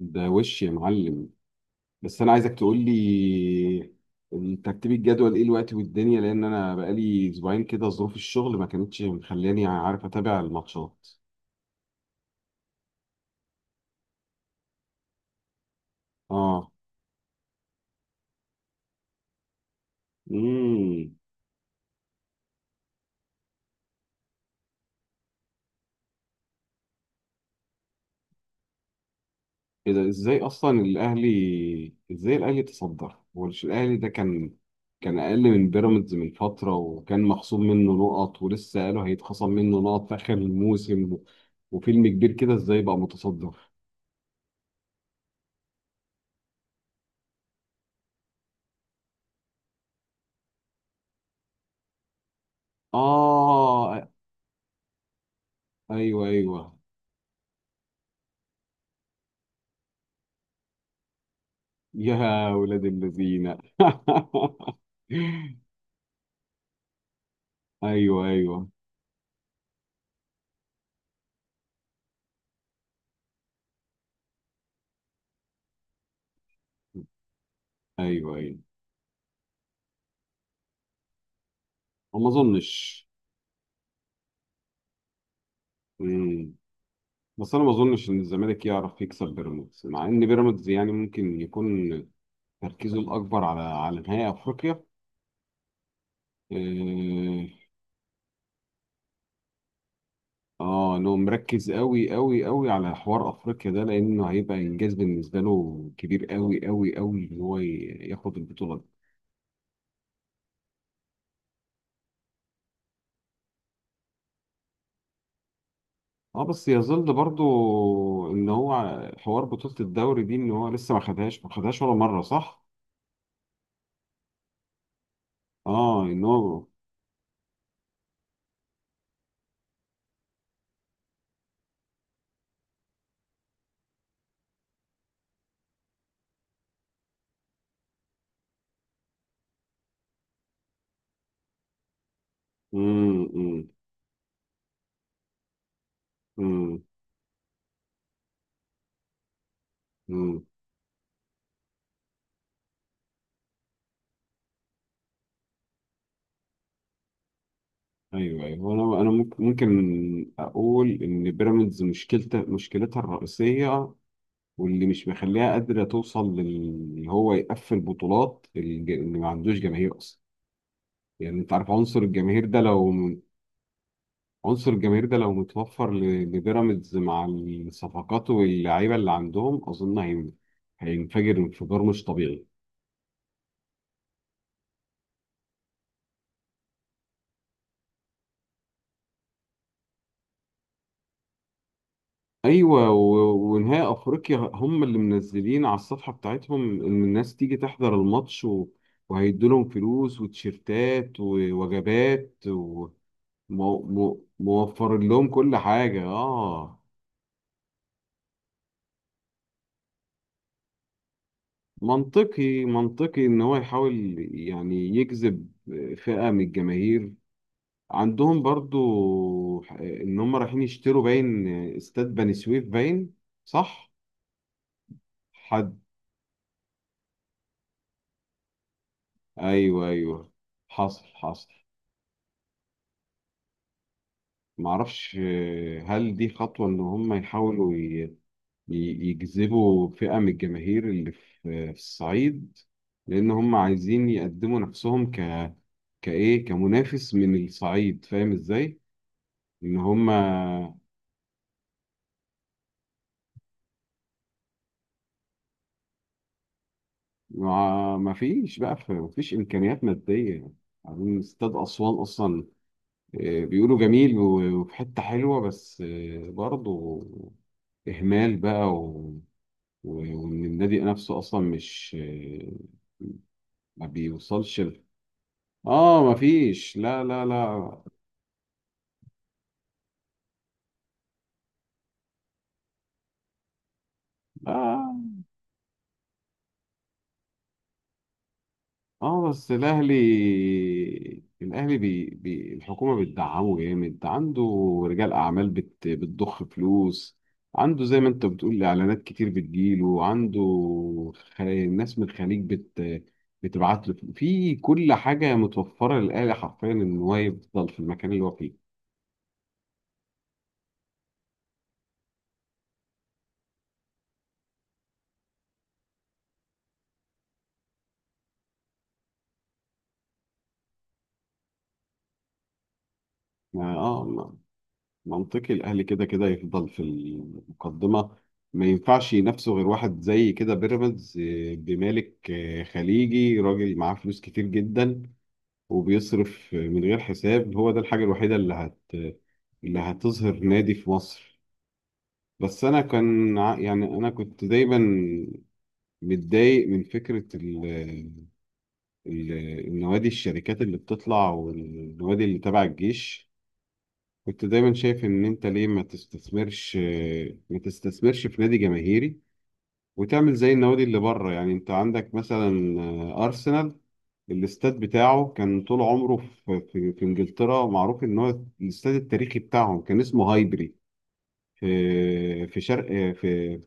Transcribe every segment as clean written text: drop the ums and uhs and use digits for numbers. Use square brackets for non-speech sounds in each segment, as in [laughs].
ده وش يا معلم؟ بس انا عايزك تقول لي ترتيب الجدول ايه الوقت والدنيا، لان انا بقالي اسبوعين كده ظروف الشغل ما كانتش مخلاني عارف اتابع الماتشات. اه. امم ايه ده، ازاي الاهلي تصدر؟ هو مش الاهلي ده كان اقل من بيراميدز من فتره، وكان مخصوم منه نقط ولسه قالوا هيتخصم منه نقط في اخر الموسم، وفيلم كبير كده ازاي بقى متصدر؟ اه. ايوه، ايوه. يا ولاد الذين. [laughs] ايوه، ايوه. ايوه، ايوه. ما اظنش. مم. بس انا ما اظنش ان الزمالك يعرف يكسب بيراميدز، مع ان بيراميدز يعني ممكن يكون تركيزه الاكبر على نهائي افريقيا. اه. انه مركز قوي قوي قوي على حوار افريقيا ده، لانه هيبقى انجاز بالنسبه له كبير قوي قوي قوي، ان هو ياخد البطوله دي. اه بس يظل برضو ان هو حوار بطولة الدوري دي ان هو لسه ما خدهاش ما خدهاش ولا مرة، صح؟ اه، ان هو. امم، امم، امم، أمم. ايوه، ايوه. انا ممكن اقول ان بيراميدز مشكلتها الرئيسية، واللي مش مخليها قادرة توصل لل هو يقفل بطولات اللي ما عندوش جماهير اصلا. يعني انت عارف عنصر الجماهير ده لو، متوفر لبيراميدز مع الصفقات واللعيبه اللي عندهم، اظن هينفجر انفجار مش طبيعي. ايوه ونهائي افريقيا هم اللي منزلين على الصفحه بتاعتهم ان الناس تيجي تحضر الماتش وهيدوا لهم فلوس وتيشيرتات ووجبات وموفرين لهم كل حاجه. اه. منطقي ان هو يحاول يعني يجذب فئه من الجماهير. عندهم برضو ان هم رايحين يشتروا باين، استاد بني سويف باين. صح. حد. ايوه، ايوه. حصل حصل. معرفش، هل دي خطوة ان هم يحاولوا يجذبوا فئة من الجماهير اللي في الصعيد، لان هم عايزين يقدموا نفسهم ك كايه كمنافس من الصعيد، فاهم ازاي؟ ان هم ما فيش بقى، ما فيش امكانيات ماديه. عايزين استاد اسوان اصلا، بيقولوا جميل وفي حته حلوه، بس برضه اهمال بقى و- وان النادي نفسه اصلا مش ما بيوصلش اه ما فيش، لا، لا، لا. آه. اه بس الاهلي الحكومه بتدعمه جامد، عنده رجال اعمال بتضخ فلوس، عنده زي ما انت بتقول اعلانات كتير بتجيله، عنده ناس من الخليج بتبعت له في كل حاجه، متوفره للاهلي حرفيا ان هو يفضل في المكان اللي هو فيه. اه، منطقي الاهلي كده كده يفضل في المقدمه. ما ينفعش ينافسه غير واحد زي كده، بيراميدز، بمالك خليجي، راجل معاه فلوس كتير جدا، وبيصرف من غير حساب. هو ده الحاجه الوحيده اللي هتظهر نادي في مصر. بس انا كان يعني انا كنت دايما متضايق من فكره ال- النوادي الشركات اللي بتطلع، والنوادي اللي تبع الجيش. كنت دايما شايف ان انت ليه ما تستثمرش في نادي جماهيري، وتعمل زي النوادي اللي بره. يعني انت عندك مثلا ارسنال. الاستاد بتاعه كان طول عمره في انجلترا، معروف ان هو الاستاد التاريخي بتاعهم، كان اسمه هايبري في في شرق في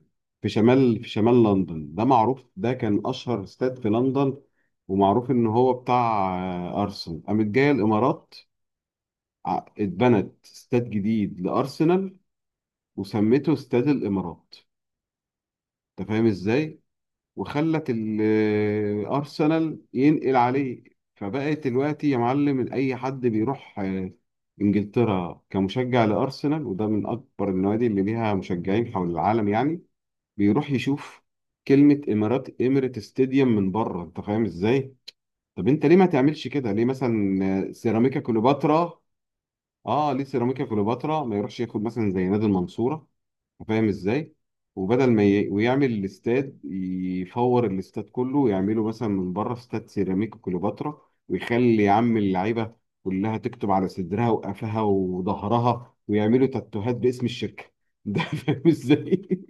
في شمال في شمال لندن. ده معروف، ده كان اشهر استاد في لندن، ومعروف ان هو بتاع ارسنال. قامت جايه الامارات، اتبنت استاد جديد لارسنال وسميته استاد الامارات، انت فاهم ازاي؟ وخلت الارسنال ينقل عليه. فبقت دلوقتي يا معلم إن اي حد بيروح انجلترا كمشجع لارسنال، وده من اكبر النوادي اللي ليها مشجعين حول العالم يعني، بيروح يشوف كلمة امارات اميريت ستاديوم من بره، انت فاهم ازاي؟ طب انت ليه ما تعملش كده؟ ليه مثلا سيراميكا كليوباترا، اه، ليه سيراميكا كليوباترا ما يروحش ياخد مثلا زي نادي المنصورة، فاهم ازاي؟ وبدل ما ويعمل الاستاد يفور الاستاد كله، ويعمله مثلا من بره استاد سيراميك كليوباترا، ويخلي يا عم اللعيبه كلها تكتب على صدرها وقفها وظهرها، ويعملوا تاتوهات باسم الشركه ده. [laughs] فاهم ازاي؟ [laughs]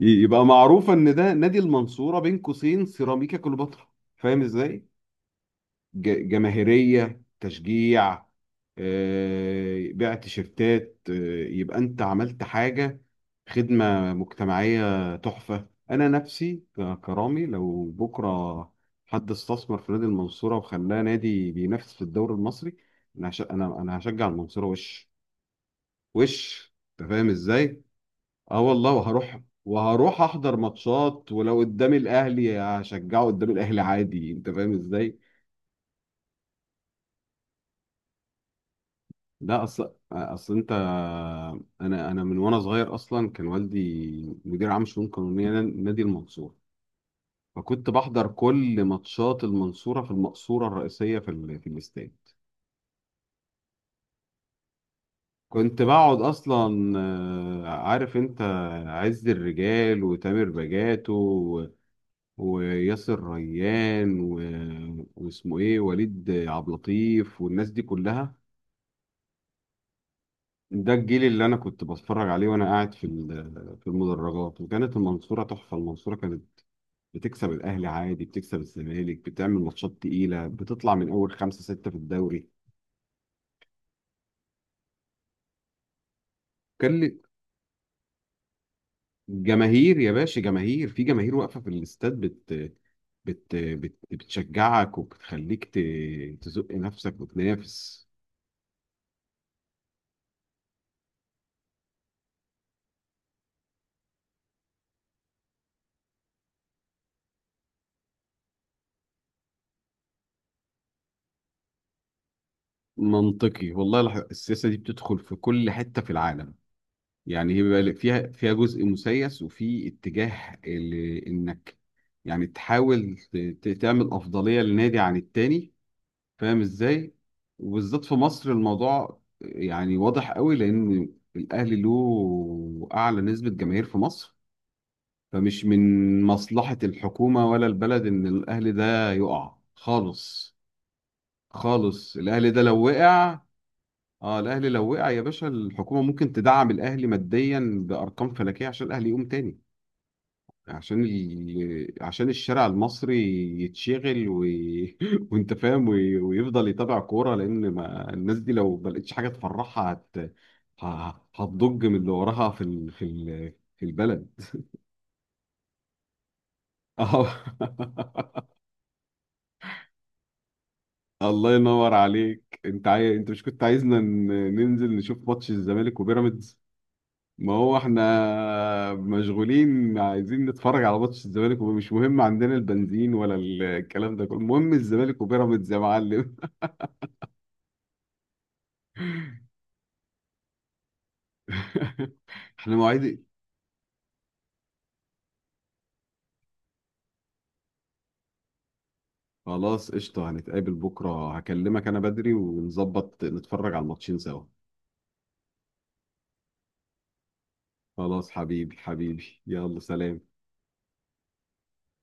يبقى معروف ان ده نادي المنصوره بين قوسين سيراميكا كليوباترا، فاهم ازاي؟ جماهيرية تشجيع، بيع تيشيرتات، يبقى انت عملت حاجة، خدمة مجتمعية تحفة. انا نفسي كرامي لو بكرة حد استثمر في نادي المنصورة وخلاه نادي بينافس في الدوري المصري، انا هش... انا انا هشجع المنصورة وش انت فاهم ازاي؟ اه والله، وهروح احضر ماتشات، ولو قدام الاهلي هشجعه قدام الاهلي عادي، انت فاهم ازاي؟ لا، اصل انت، انا من وانا صغير اصلا كان والدي مدير عام شؤون قانونيه نادي المنصوره، فكنت بحضر كل ماتشات المنصوره في المقصوره الرئيسيه في الاستاد. كنت بقعد اصلا، عارف انت، عز الرجال وتامر بجاتو وياسر ريان واسمه ايه وليد عبد اللطيف والناس دي كلها. ده الجيل اللي انا كنت بتفرج عليه وانا قاعد في المدرجات، وكانت المنصوره تحفه، المنصوره كانت بتكسب الاهلي عادي، بتكسب الزمالك، بتعمل ماتشات تقيله، بتطلع من اول خمسه سته في الدوري. كان لي- جماهير يا باشا، جماهير، في جماهير واقفه في الاستاد بت بت بت بتشجعك وبتخليك تزق نفسك وتنافس. منطقي والله، السياسه دي بتدخل في كل حته في العالم، يعني هي بيبقى فيها جزء مسيس، وفي اتجاه انك يعني تحاول تعمل افضليه للنادي عن التاني، فاهم ازاي؟ وبالذات في مصر الموضوع يعني واضح قوي، لان الاهلي له اعلى نسبه جماهير في مصر، فمش من مصلحه الحكومه ولا البلد ان الاهلي ده يقع خالص. خالص الاهلي ده لو وقع، اه الاهلي لو وقع يا باشا الحكومه ممكن تدعم الاهلي ماديا بارقام فلكيه عشان الاهلي يقوم تاني، عشان الشارع المصري يتشغل [laughs] وانت فاهم ويفضل يتابع كوره، لان ما... الناس دي لو ما لقتش حاجه تفرحها ه... هتضج من اللي وراها في البلد. [laughs] اه الله ينور عليك، انت انت مش كنت عايزنا ننزل نشوف ماتش الزمالك وبيراميدز؟ ما هو احنا مشغولين عايزين نتفرج على ماتش الزمالك، ومش مهم عندنا البنزين ولا الكلام ده كله، المهم الزمالك وبيراميدز يا معلم. [laughs] احنا مواعيد إيه؟ خلاص قشطة، هنتقابل بكرة، هكلمك انا بدري ونظبط نتفرج على الماتشين سوا. خلاص حبيبي، حبيبي، يلا سلام.